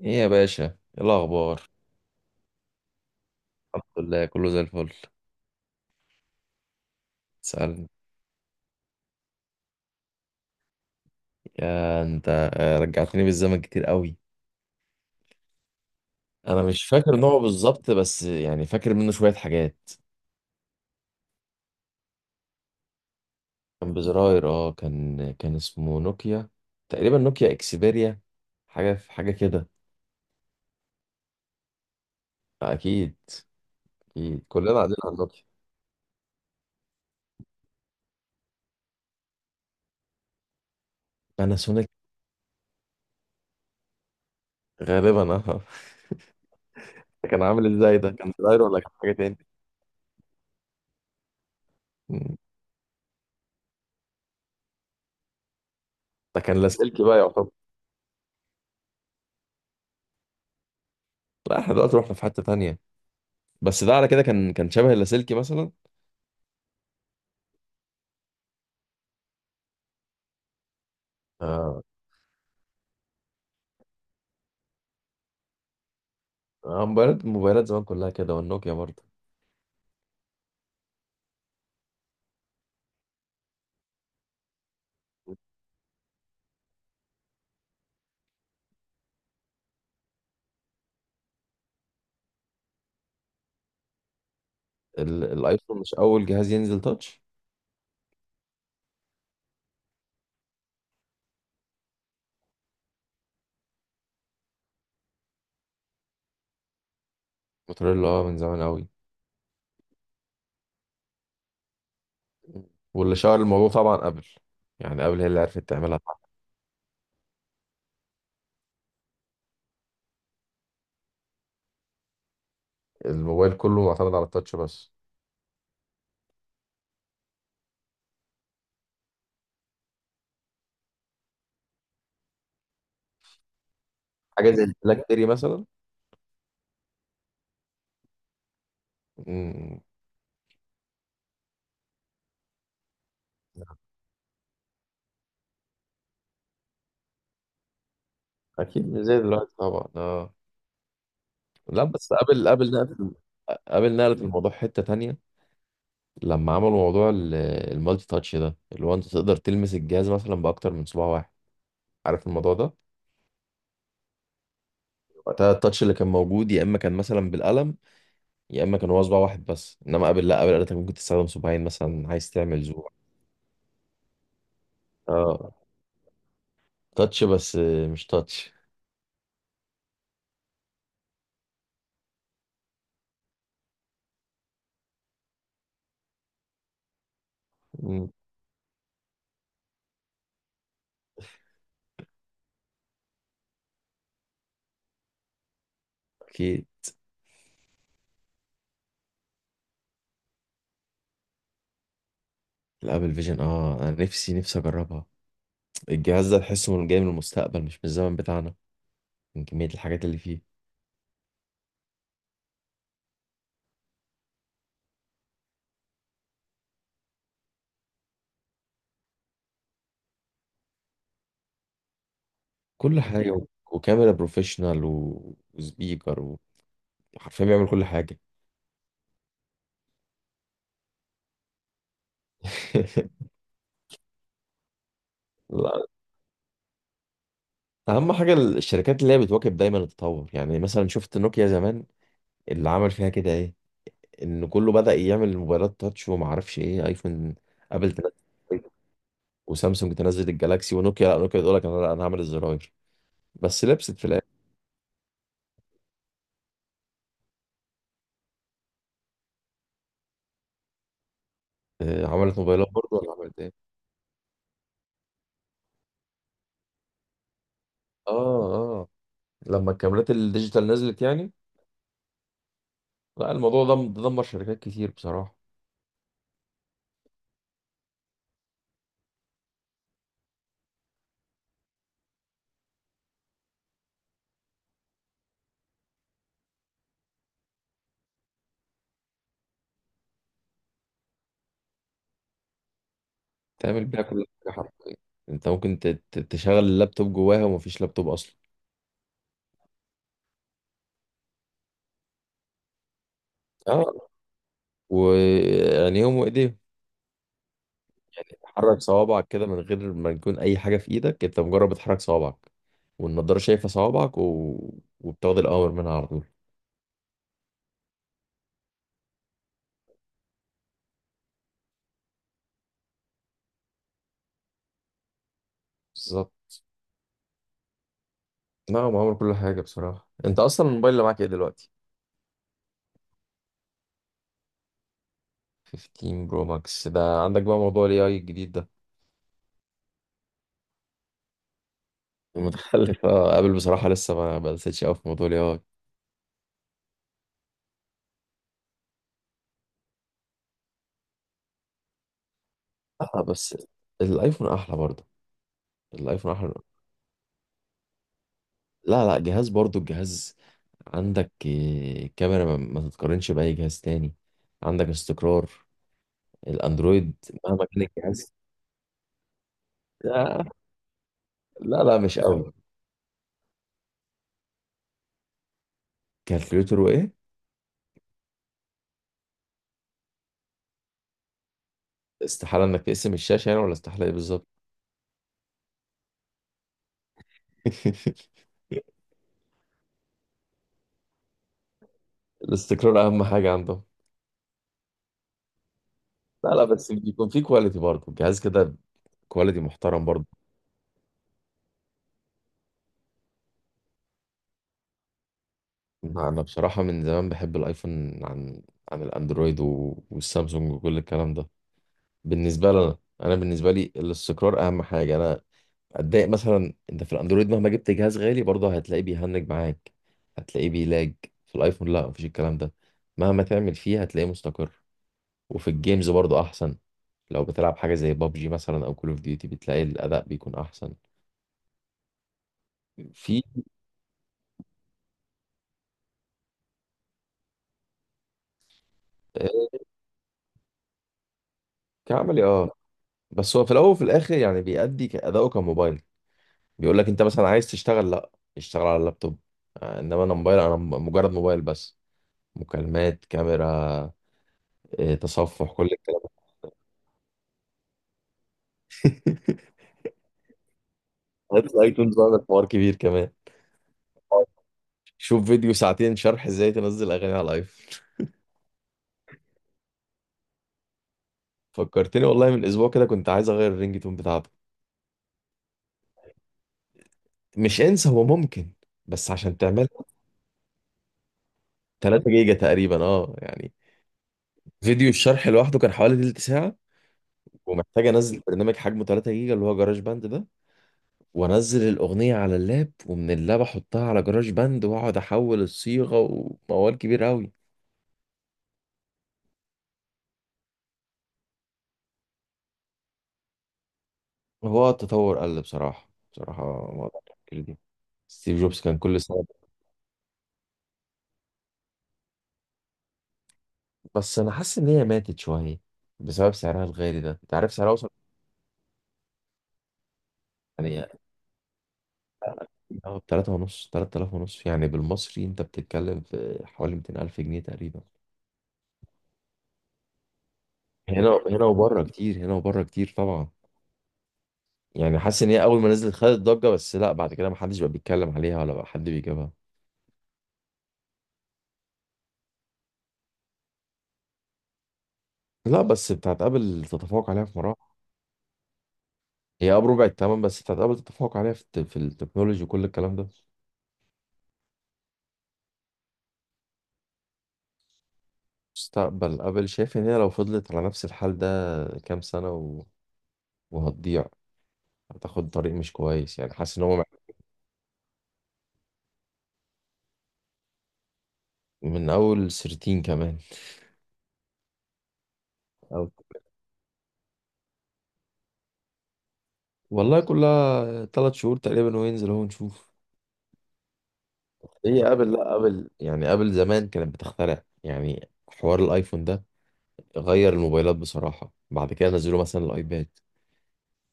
ايه يا باشا، ايه الاخبار؟ الحمد لله، كله زي الفل. تسألني. يا انت، آه، رجعتني بالزمن كتير قوي. انا مش فاكر نوعه بالظبط، بس يعني فاكر منه شوية حاجات. كان بزراير، اه، كان اسمه نوكيا. تقريبا نوكيا اكسبيريا. حاجة في حاجة كده. آه، اكيد. اكيد كلنا قاعدين على نوكيا. باناسونيك. غالبا، اه. ده كان عامل ازاي؟ ده كان زراير ولا كان حاجة تاني؟ مم. ده كان لاسلكي بقى يعتبر. لا، احنا دلوقتي رحنا في حتة تانية. بس ده على كده، كان شبه اللاسلكي مثلا. آه. آه، موبايلات موبايلات زمان كلها كده، والنوكيا برضه. الايفون مش اول جهاز ينزل تاتش. موتوريلا، اه، من زمان قوي. واللي شهر الموضوع طبعا ابل. يعني ابل هي اللي عرفت تعملها. الموبايل كله معتمد على التاتش بس. حاجه زي البلاك بيري مثلا. مم، اكيد مش زي دلوقتي طبعا، اه. لا، بس ابل نقلت. ابل نقلت الموضوع حته تانية. لما عملوا موضوع المالتي تاتش، ده اللي هو انت تقدر تلمس الجهاز مثلا باكتر من صباع واحد. عارف الموضوع ده؟ وقتها التاتش اللي كان موجود يا اما كان مثلا بالقلم. يا اما كان هو صباع واحد بس، انما قبل، لا، قبل قالت لك ممكن تستخدم صباعين مثلا عايز تعمل زور. اه. تاتش بس. مش تاتش. مم. اكيد. الابل فيجن، اه، انا نفسي نفسي اجربها. الجهاز ده تحسه من جاي من المستقبل، مش من الزمن بتاعنا. من كمية الحاجات اللي فيه. كل حاجة و. وكاميرا بروفيشنال، و... وسبيكر و. حرفيا بيعمل كل حاجة. لا. اهم حاجة الشركات اللي هي بتواكب دايما التطور. يعني مثلا شفت نوكيا زمان؟ اللي عمل فيها كده ايه؟ ان كله بدأ يعمل موبايلات تاتش وما اعرفش ايه، ايفون. ابل تنزل الأيفون، وسامسونج تنزل الجالاكسي، ونوكيا لا، نوكيا تقول لك انا، لا، انا هعمل الزراير. بس لبست في الاخر. آه، عملت موبايلات برضه ولا عملت ايه؟ اه، اه. لما الكاميرات الديجيتال نزلت يعني. لا، الموضوع ده دمر شركات كتير بصراحة. تعمل بيها كل حاجة حرفيا. انت ممكن تشغل اللابتوب جواها ومفيش لابتوب اصلا. اه. وعينيهم وايديهم. يعني تحرك صوابعك كده من غير ما يكون اي حاجه في ايدك، انت مجرد بتحرك صوابعك. والنضاره شايفه صوابعك، و... وبتاخد الاوامر منها على طول. بالظبط. لا، معامل كل حاجه بصراحه. انت اصلا الموبايل اللي معاك ايه دلوقتي؟ 15 برو ماكس. ده عندك بقى موضوع الاي اي الجديد ده؟ المتخلف، اه، ابل بصراحه لسه ما دستش قوي في موضوع الاي اي. اه، بس الايفون احلى برضه. الايفون احلى. لا، لا، جهاز برضه الجهاز. عندك آه، كاميرا ما تتقارنش باي جهاز تاني. عندك استقرار. الاندرويد مهما كان الجهاز، آه، لا، لا، مش قوي. كالكوليتور وايه؟ استحالة انك تقسم الشاشة يعني؟ ولا استحالة ايه بالظبط؟ الاستقرار اهم حاجة عندهم. لا، لا، بس بيكون في كواليتي برضه الجهاز كده. كواليتي محترم برضه. أنا بصراحة من زمان بحب الايفون عن عن الاندرويد والسامسونج وكل الكلام ده. بالنسبة لنا، انا بالنسبة لي الاستقرار اهم حاجة. انا اتضايق مثلا، انت في الاندرويد مهما جبت جهاز غالي برضه هتلاقيه بيهنج معاك. هتلاقيه بيلاج. في الايفون لا، مفيش الكلام ده. مهما تعمل فيه هتلاقيه مستقر. وفي الجيمز برضه احسن. لو بتلعب حاجه زي بابجي مثلا او كول اوف ديوتي بتلاقي الاداء بيكون احسن في. آه، كعملي، اه. بس هو في الاول وفي الاخر يعني بيأدي اداؤه كموبايل. بيقول لك انت مثلا عايز تشتغل؟ لا، اشتغل على اللابتوب. آه، انما انا موبايل. انا مجرد موبايل بس. مكالمات، كاميرا، آه، تصفح، كل الكلام ده. هات الايتونز بقى، ده حوار كبير كمان. شوف فيديو 2 ساعة شرح ازاي تنزل اغاني على الايفون. فكرتني والله، من اسبوع كده كنت عايز اغير الرينج تون بتاعته. مش انسى، هو ممكن. بس عشان تعمل 3 جيجا تقريبا، اه، يعني. فيديو الشرح لوحده كان حوالي تلت ساعة. ومحتاج انزل برنامج حجمه 3 جيجا اللي هو جراج باند ده. وانزل الاغنية على اللاب، ومن اللاب احطها على جراج باند واقعد احول الصيغة. وموال كبير قوي. هو التطور قل، بصراحة، بصراحة. موضوع التفكير دي. ستيف جوبز كان كل سنة. بس انا حاسس ان هي ماتت شويه بسبب سعرها الغالي. ده انت عارف سعرها وصل يعني اه ب 3 ونص، 3000 ونص، يعني بالمصري انت بتتكلم في حوالي 200 الف جنيه تقريبا. هنا هنا وبره كتير، هنا وبره كتير طبعا. يعني حاسس ان هي اول ما نزلت خدت ضجه، بس لا، بعد كده ما حدش بقى بيتكلم عليها ولا بقى حد بيجيبها. لا، بس بتاعت ابل تتفوق عليها في مراحل. هي اه، بربع الثمن، بس بتاعت ابل تتفوق عليها في في التكنولوجي وكل الكلام ده. مستقبل ابل، شايف ان هي لو فضلت على نفس الحال ده كام سنه و... وهتضيع. هتاخد طريق مش كويس، يعني حاسس ان هو من اول 13 كمان. أو. والله كلها 3 شهور تقريبا وينزل هو نشوف. هي ابل، لا ابل يعني، ابل زمان كانت بتخترع، يعني حوار الايفون ده غير الموبايلات بصراحة. بعد كده نزلوا مثلا الايباد.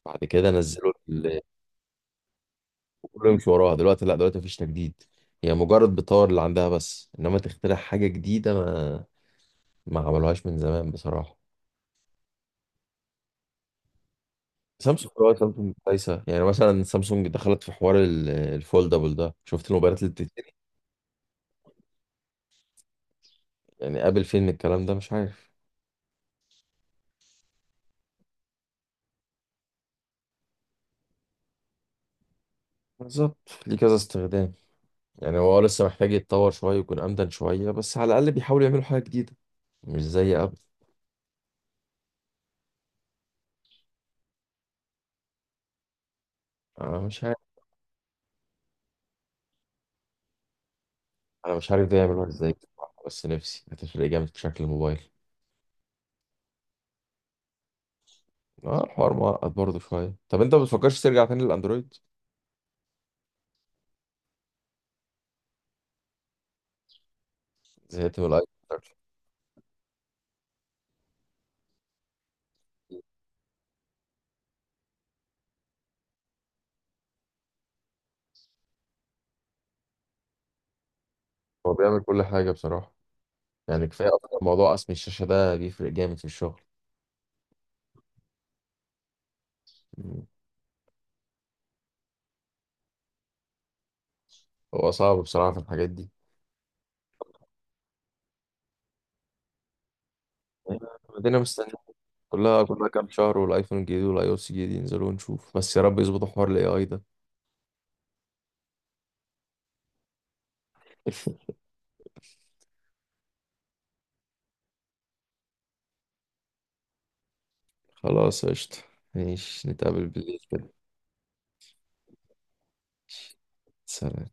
بعد كده نزلوا كله يمشي وراها. دلوقتي لا، دلوقتي مفيش تجديد. هي مجرد بتطور اللي عندها، بس انما تخترع حاجة جديدة، ما عملوهاش من زمان بصراحة. سامسونج، اه، سامسونج كويسه، يعني مثلا سامسونج دخلت في حوار الفولدبل ده، شفت الموبايلات اللي بتتني. يعني قابل فين الكلام ده، مش عارف. بالظبط، ليه كذا استخدام. يعني هو، آه، لسه محتاج يتطور شويه ويكون امدن شويه، بس على الاقل بيحاولوا يعملوا حاجه جديده. مش زي قبل. انا مش عارف. انا مش عارف ده يعملوها ازاي بصراحة، بس نفسي هتفرق جامد في شكل الموبايل. اه، الحوار معقد برضه شويه. طب انت ما بتفكرش ترجع تاني للاندرويد؟ زهقت من الايفون. شكلك. هو بيعمل كل حاجه بصراحه. يعني كفايه اصلا موضوع قسم الشاشه ده بيفرق جامد في الشغل. هو صعب بصراحة في الحاجات دي. مدينة مستنية. كلها كلها كام شهر والايفون الجديد والاي او اس الجديد ينزلوا ونشوف، بس يا رب يظبطوا حوار الاي اي ده. خلاص، قشطة. ماشي، نتقابل بالليل كده. سلام.